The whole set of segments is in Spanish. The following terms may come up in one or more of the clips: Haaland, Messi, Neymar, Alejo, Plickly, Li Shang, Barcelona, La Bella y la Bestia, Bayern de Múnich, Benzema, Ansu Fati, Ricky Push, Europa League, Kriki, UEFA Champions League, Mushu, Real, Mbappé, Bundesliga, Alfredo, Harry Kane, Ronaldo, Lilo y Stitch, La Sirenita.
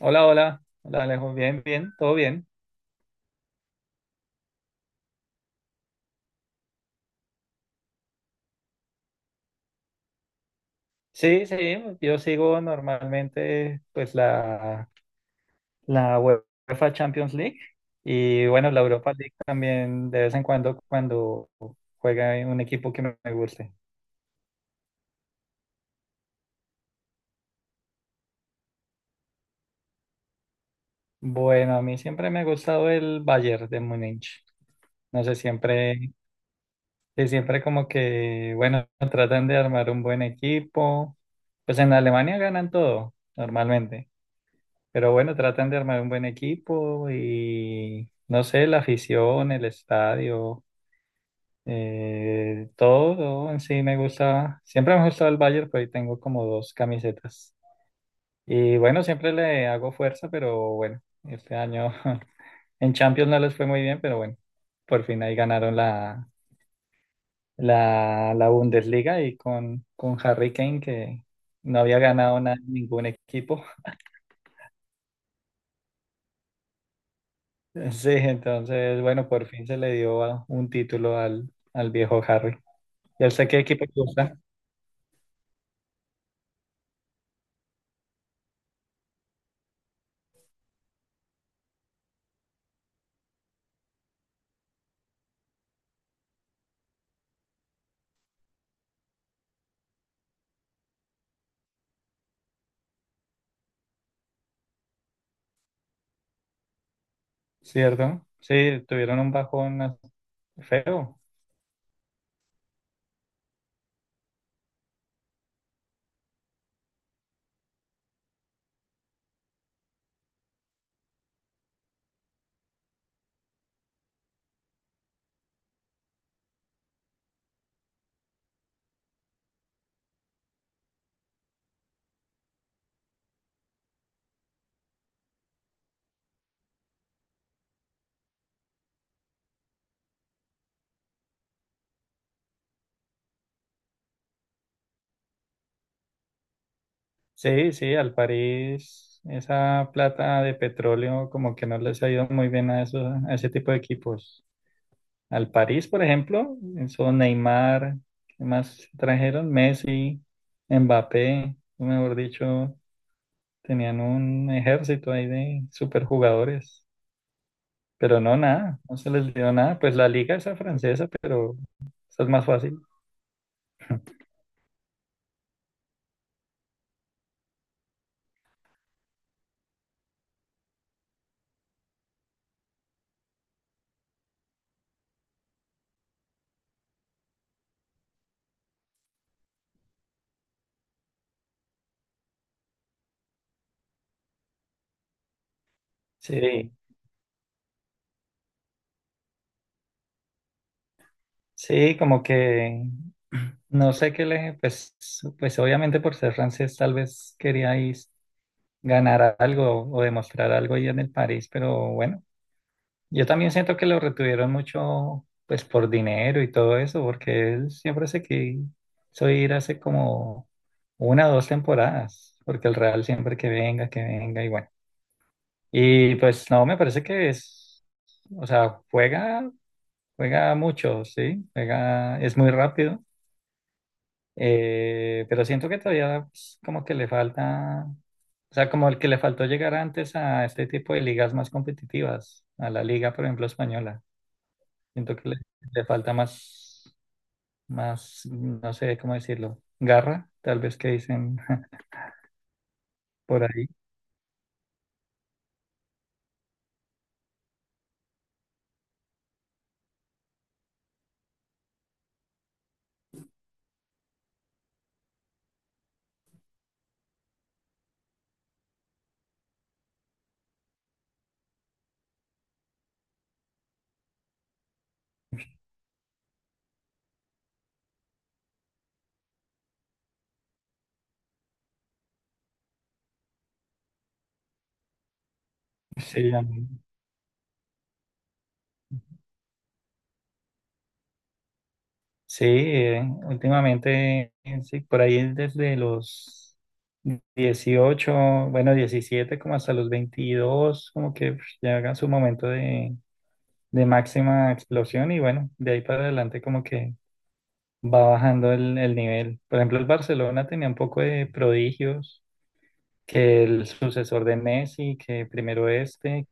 Hola, hola, hola Alejo, bien, bien, todo bien. Sí, sí, yo sigo normalmente la UEFA Champions League y bueno, la Europa League también de vez en cuando cuando juega un equipo que me guste. Bueno, a mí siempre me ha gustado el Bayern de Múnich. No sé, siempre, sí, siempre como que, bueno, tratan de armar un buen equipo. Pues en Alemania ganan todo, normalmente. Pero bueno, tratan de armar un buen equipo y no sé, la afición, el estadio, todo, todo en sí me gusta. Siempre me ha gustado el Bayern, pero ahí tengo como dos camisetas. Y bueno, siempre le hago fuerza, pero bueno, este año en Champions no les fue muy bien, pero bueno, por fin ahí ganaron la Bundesliga y con Harry Kane, que no había ganado nada, ningún equipo. Sí, entonces, bueno, por fin se le dio un título al viejo Harry. Ya sé qué equipo le gusta, ¿cierto? Sí, tuvieron un bajón feo. Sí, sí, al París, esa plata de petróleo como que no les ha ido muy bien a, esos, a ese tipo de equipos. Al París, por ejemplo, son Neymar, ¿qué más trajeron? Messi, Mbappé, mejor dicho, tenían un ejército ahí de superjugadores. Pero no, nada, no se les dio nada. Pues la liga esa francesa, pero esa es más fácil. Sí, sí, como que no sé qué le, pues, pues obviamente por ser francés tal vez queríais ganar algo o demostrar algo ahí en el París, pero bueno, yo también siento que lo retuvieron mucho, pues por dinero y todo eso, porque él siempre se quiso ir hace como una o dos temporadas, porque el Real siempre que venga y bueno. Y pues no, me parece que es, o sea, juega mucho, sí, juega, es muy rápido, pero siento que todavía pues, como que le falta, o sea, como el que le faltó llegar antes a este tipo de ligas más competitivas, a la liga, por ejemplo, española. Siento que le falta más, más, no sé cómo decirlo, garra, tal vez que dicen por ahí. Sí, a mí. Sí, últimamente, sí, por ahí desde los 18, bueno, 17, como hasta los 22, como que pf, llega su momento de máxima explosión y bueno, de ahí para adelante como que va bajando el nivel. Por ejemplo, el Barcelona tenía un poco de prodigios, que el sucesor de Messi, que primero este,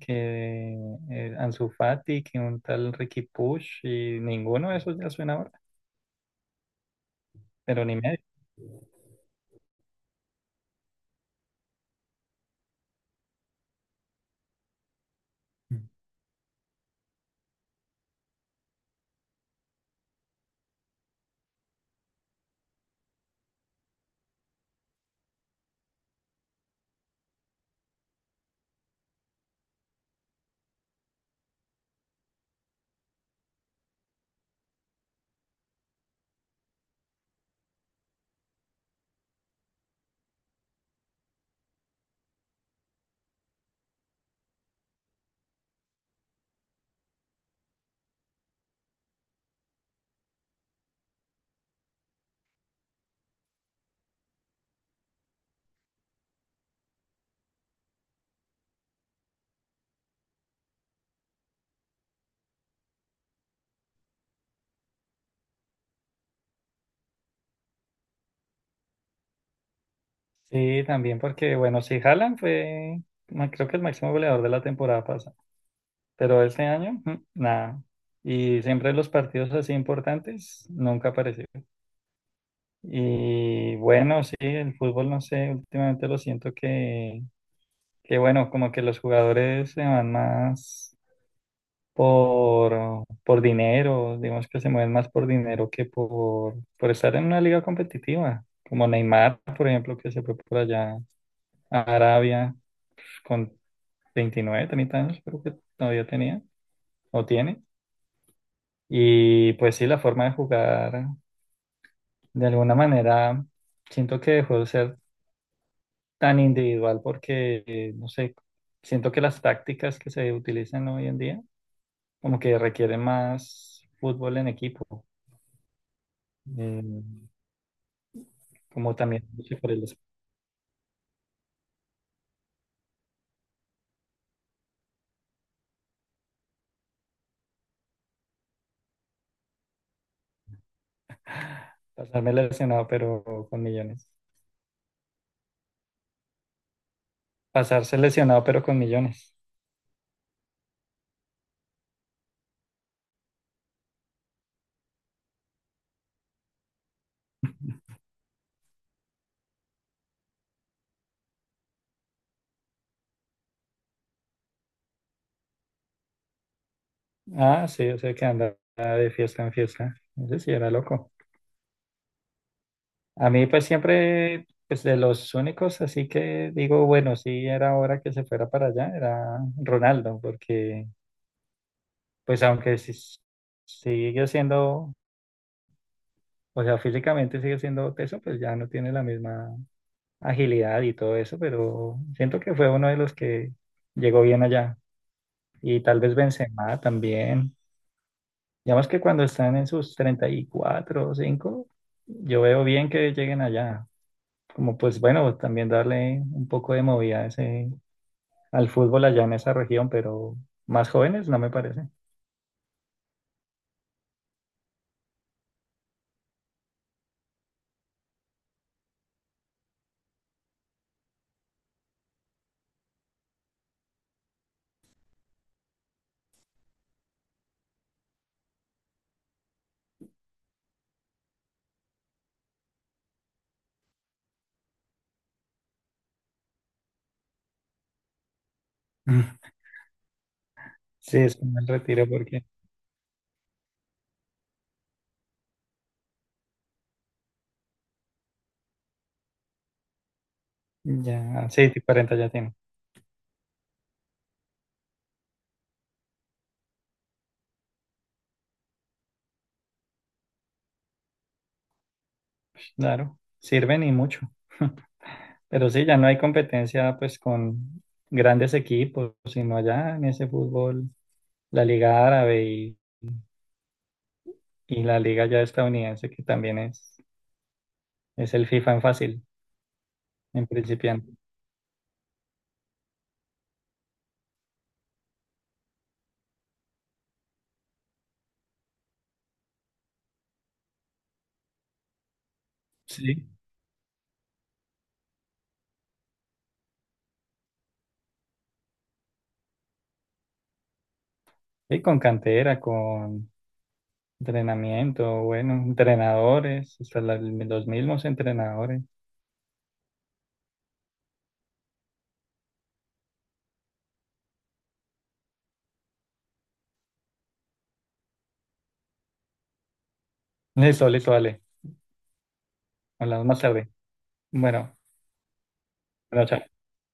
que Ansu Fati, que un tal Ricky Push y ninguno de esos ya suena ahora, pero ni medio. Sí, también porque, bueno, si Haaland fue, ma- creo que el máximo goleador de la temporada pasada, pero este año, nada. Y siempre en los partidos así importantes, nunca apareció. Y bueno, sí, el fútbol, no sé, últimamente lo siento que bueno, como que los jugadores se van más por dinero, digamos que se mueven más por dinero que por estar en una liga competitiva, como Neymar, por ejemplo, que se fue por allá a Arabia con 29, 30 años creo que todavía tenía o tiene. Y pues sí, la forma de jugar, de alguna manera, siento que dejó de ser tan individual porque, no sé, siento que las tácticas que se utilizan hoy en día como que requieren más fútbol en equipo. Eh, como también dije por el pasarme lesionado pero con millones. Pasarse lesionado pero con millones. Ah, sí, o sea que andaba de fiesta en fiesta. Ese sí era loco. A mí pues siempre, pues de los únicos, así que digo, bueno, sí era hora que se fuera para allá, era Ronaldo, porque pues sigue siendo, o sea, físicamente sigue siendo teso, pues ya no tiene la misma agilidad y todo eso, pero siento que fue uno de los que llegó bien allá. Y tal vez Benzema también. Digamos que cuando están en sus 34 o 5 yo veo bien que lleguen allá como pues bueno, también darle un poco de movida a ese, al fútbol allá en esa región, pero más jóvenes no me parece. Mm. Sí, es un buen retiro porque ya, sí, 40 ya tiene, claro, sirven y mucho. Pero sí, ya no hay competencia pues con grandes equipos, sino allá en ese fútbol, la Liga Árabe y la Liga ya estadounidense, que también es el FIFA en fácil, en principiante. Sí, y con cantera, con entrenamiento, bueno, entrenadores, los mismos entrenadores. Listo, listo, dale. Hablamos más tarde. Bueno, bueno, chao.